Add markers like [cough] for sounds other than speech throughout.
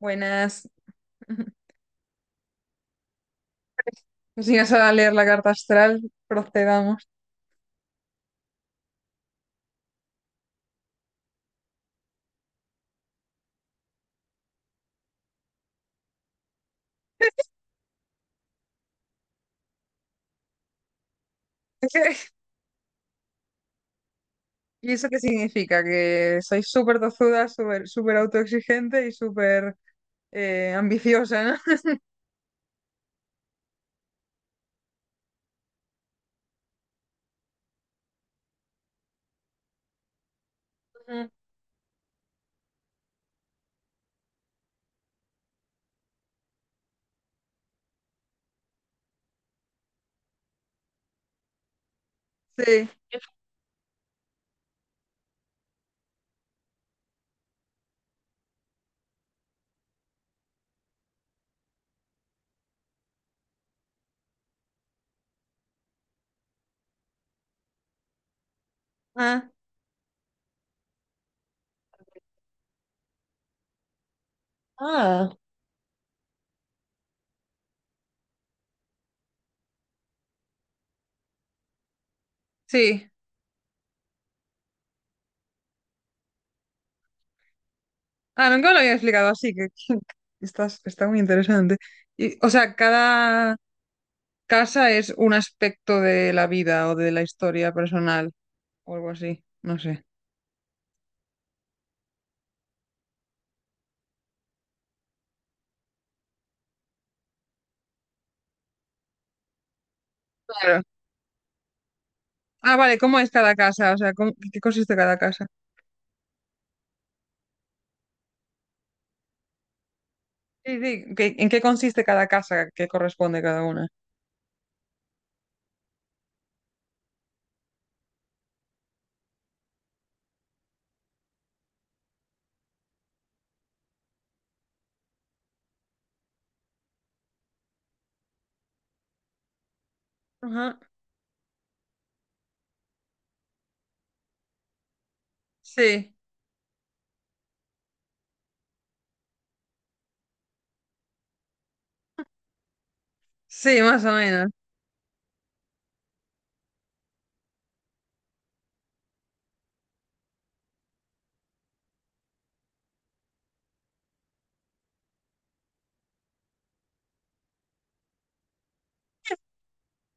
Buenas. [laughs] Si vas a leer la carta astral, procedamos. [laughs] ¿Y eso qué significa? Que sois súper tozuda, súper súper autoexigente y súper ambiciosa, ¿no? [laughs] Ujú. Sí. Ah. Ah, sí. Ah, nunca lo había explicado así, que [laughs] estás, está muy interesante. Y, o sea, cada casa es un aspecto de la vida o de la historia personal o algo así, no sé. Claro. Ah, vale, ¿cómo es cada casa? O sea, ¿cómo- ¿qué consiste cada casa? Sí, sí, ¿qué- ¿en qué consiste cada casa que corresponde cada una? Ajá. Sí, sí, más o menos.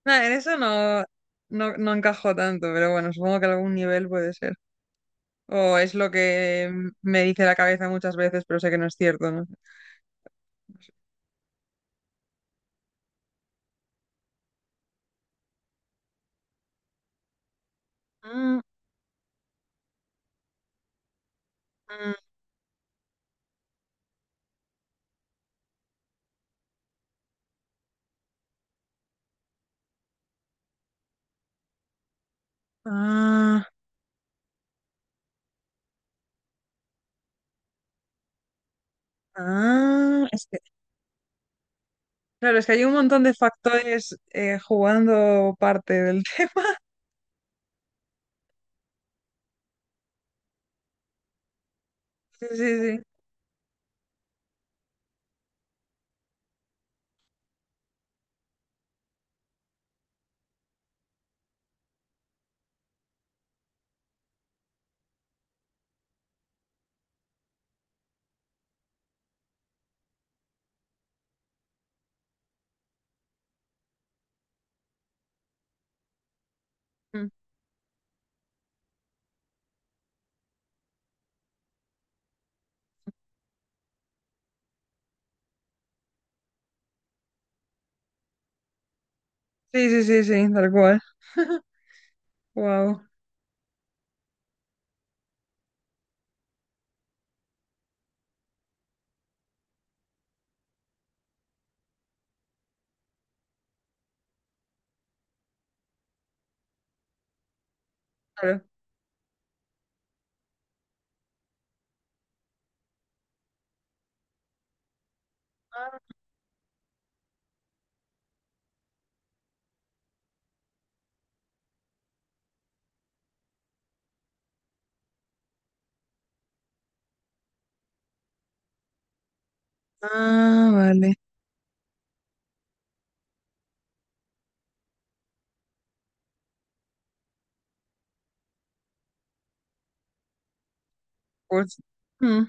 Nah, en eso no, no, no encajo tanto, pero bueno, supongo que algún nivel puede ser. O es lo que me dice la cabeza muchas veces, pero sé que no es cierto, ¿no? Mm, mm. Ah, ah, es que, claro, es que hay un montón de factores jugando parte del [laughs] tema. Sí, sí, sí. Mm. Sí, sí, sí, sí, tal cual. Wow. Claro. Ah, vale. Pues, mm,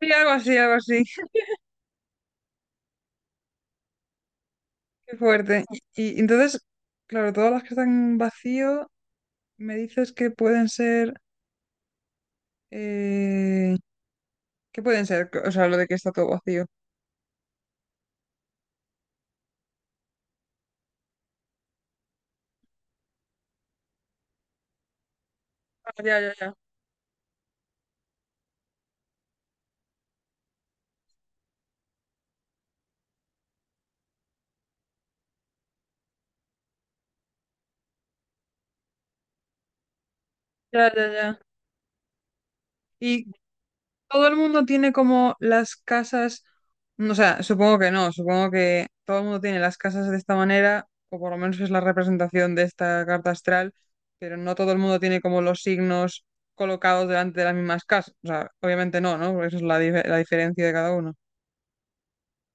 sí, algo así, algo así. Qué fuerte. Y entonces, claro, todas las que están vacío, me dices que pueden ser, eh, ¿qué pueden ser? O sea, lo de que está todo vacío. Ah, ya, ya, ya. Ya, ya, ya. ¿Y todo el mundo tiene como las casas, o sea, supongo que no, supongo que todo el mundo tiene las casas de esta manera, o por lo menos es la representación de esta carta astral, pero no todo el mundo tiene como los signos colocados delante de las mismas casas? O sea, obviamente no, ¿no? Porque esa es la, dif- la diferencia de cada uno. O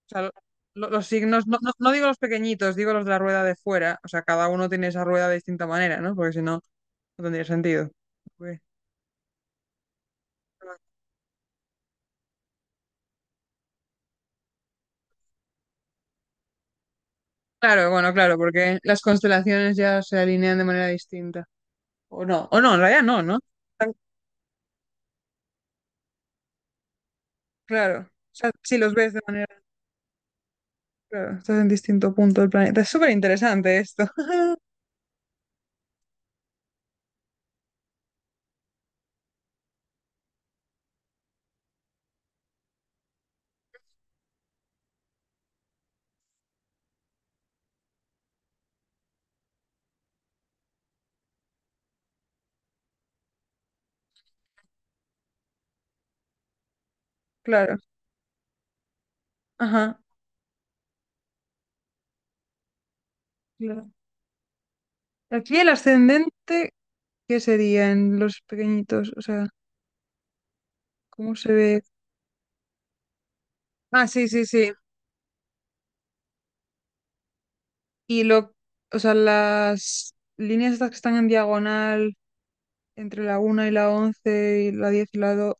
sea, lo- los signos, no, no, no digo los pequeñitos, digo los de la rueda de fuera, o sea, cada uno tiene esa rueda de distinta manera, ¿no? Porque si no, no tendría sentido. Ok. Claro, bueno, claro, porque las constelaciones ya se alinean de manera distinta. O no, en realidad no, ¿no? Tan- claro. O sea, si los ves de manera, claro, estás en distinto punto del planeta. Es súper interesante esto. [laughs] Claro. Ajá. Claro. Aquí el ascendente, ¿qué sería en los pequeñitos? O sea, ¿cómo se ve? Ah, sí, sí, sí. Y lo, o sea, las líneas estas que están en diagonal entre la una y la 11 y la 10 y la 2,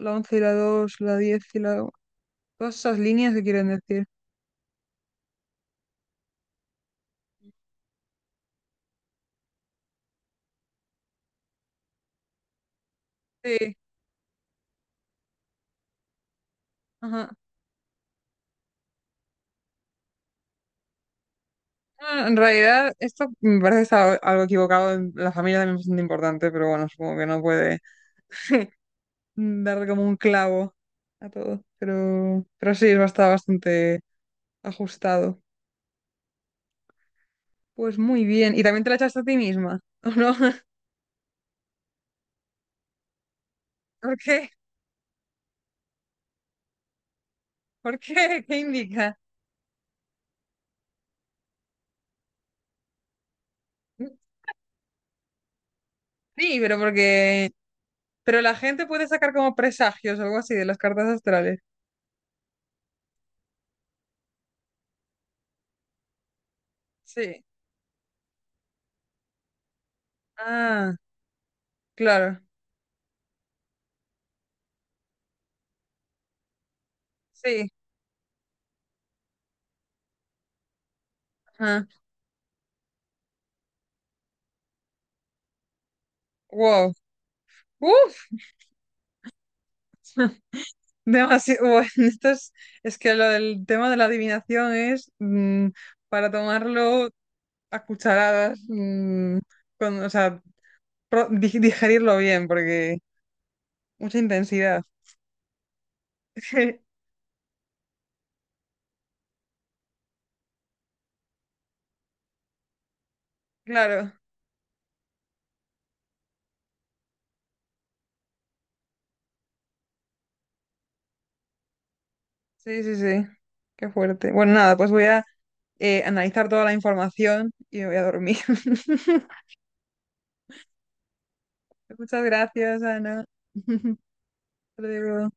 la 11 y la 2, la 10 y la cosas, líneas que quieren decir. Sí, ajá. Ah, en realidad, esto me parece estar algo equivocado. En- la familia también es bastante importante, pero bueno, supongo que no puede [laughs] darle como un clavo a todo. Pero sí, está bastante ajustado. Pues muy bien. ¿Y también te la echaste a ti misma? ¿O no? [laughs] ¿Por qué? ¿Por qué? ¿Qué indica? Sí, pero porque... Pero la gente puede sacar como presagios o algo así de las cartas astrales. Sí. Ah, claro. Sí. Ajá. Wow. Uf, [laughs] demasiado. Bueno, [laughs] esto es que lo del tema de la adivinación es para tomarlo a cucharadas, mm, con, o sea, pro- di- digerirlo bien, porque mucha intensidad. [laughs] Claro, sí, sí, sí. Qué fuerte. Bueno, nada, pues voy a analizar toda la información y me voy a dormir. [laughs] Muchas gracias, Ana. [laughs] Hasta luego.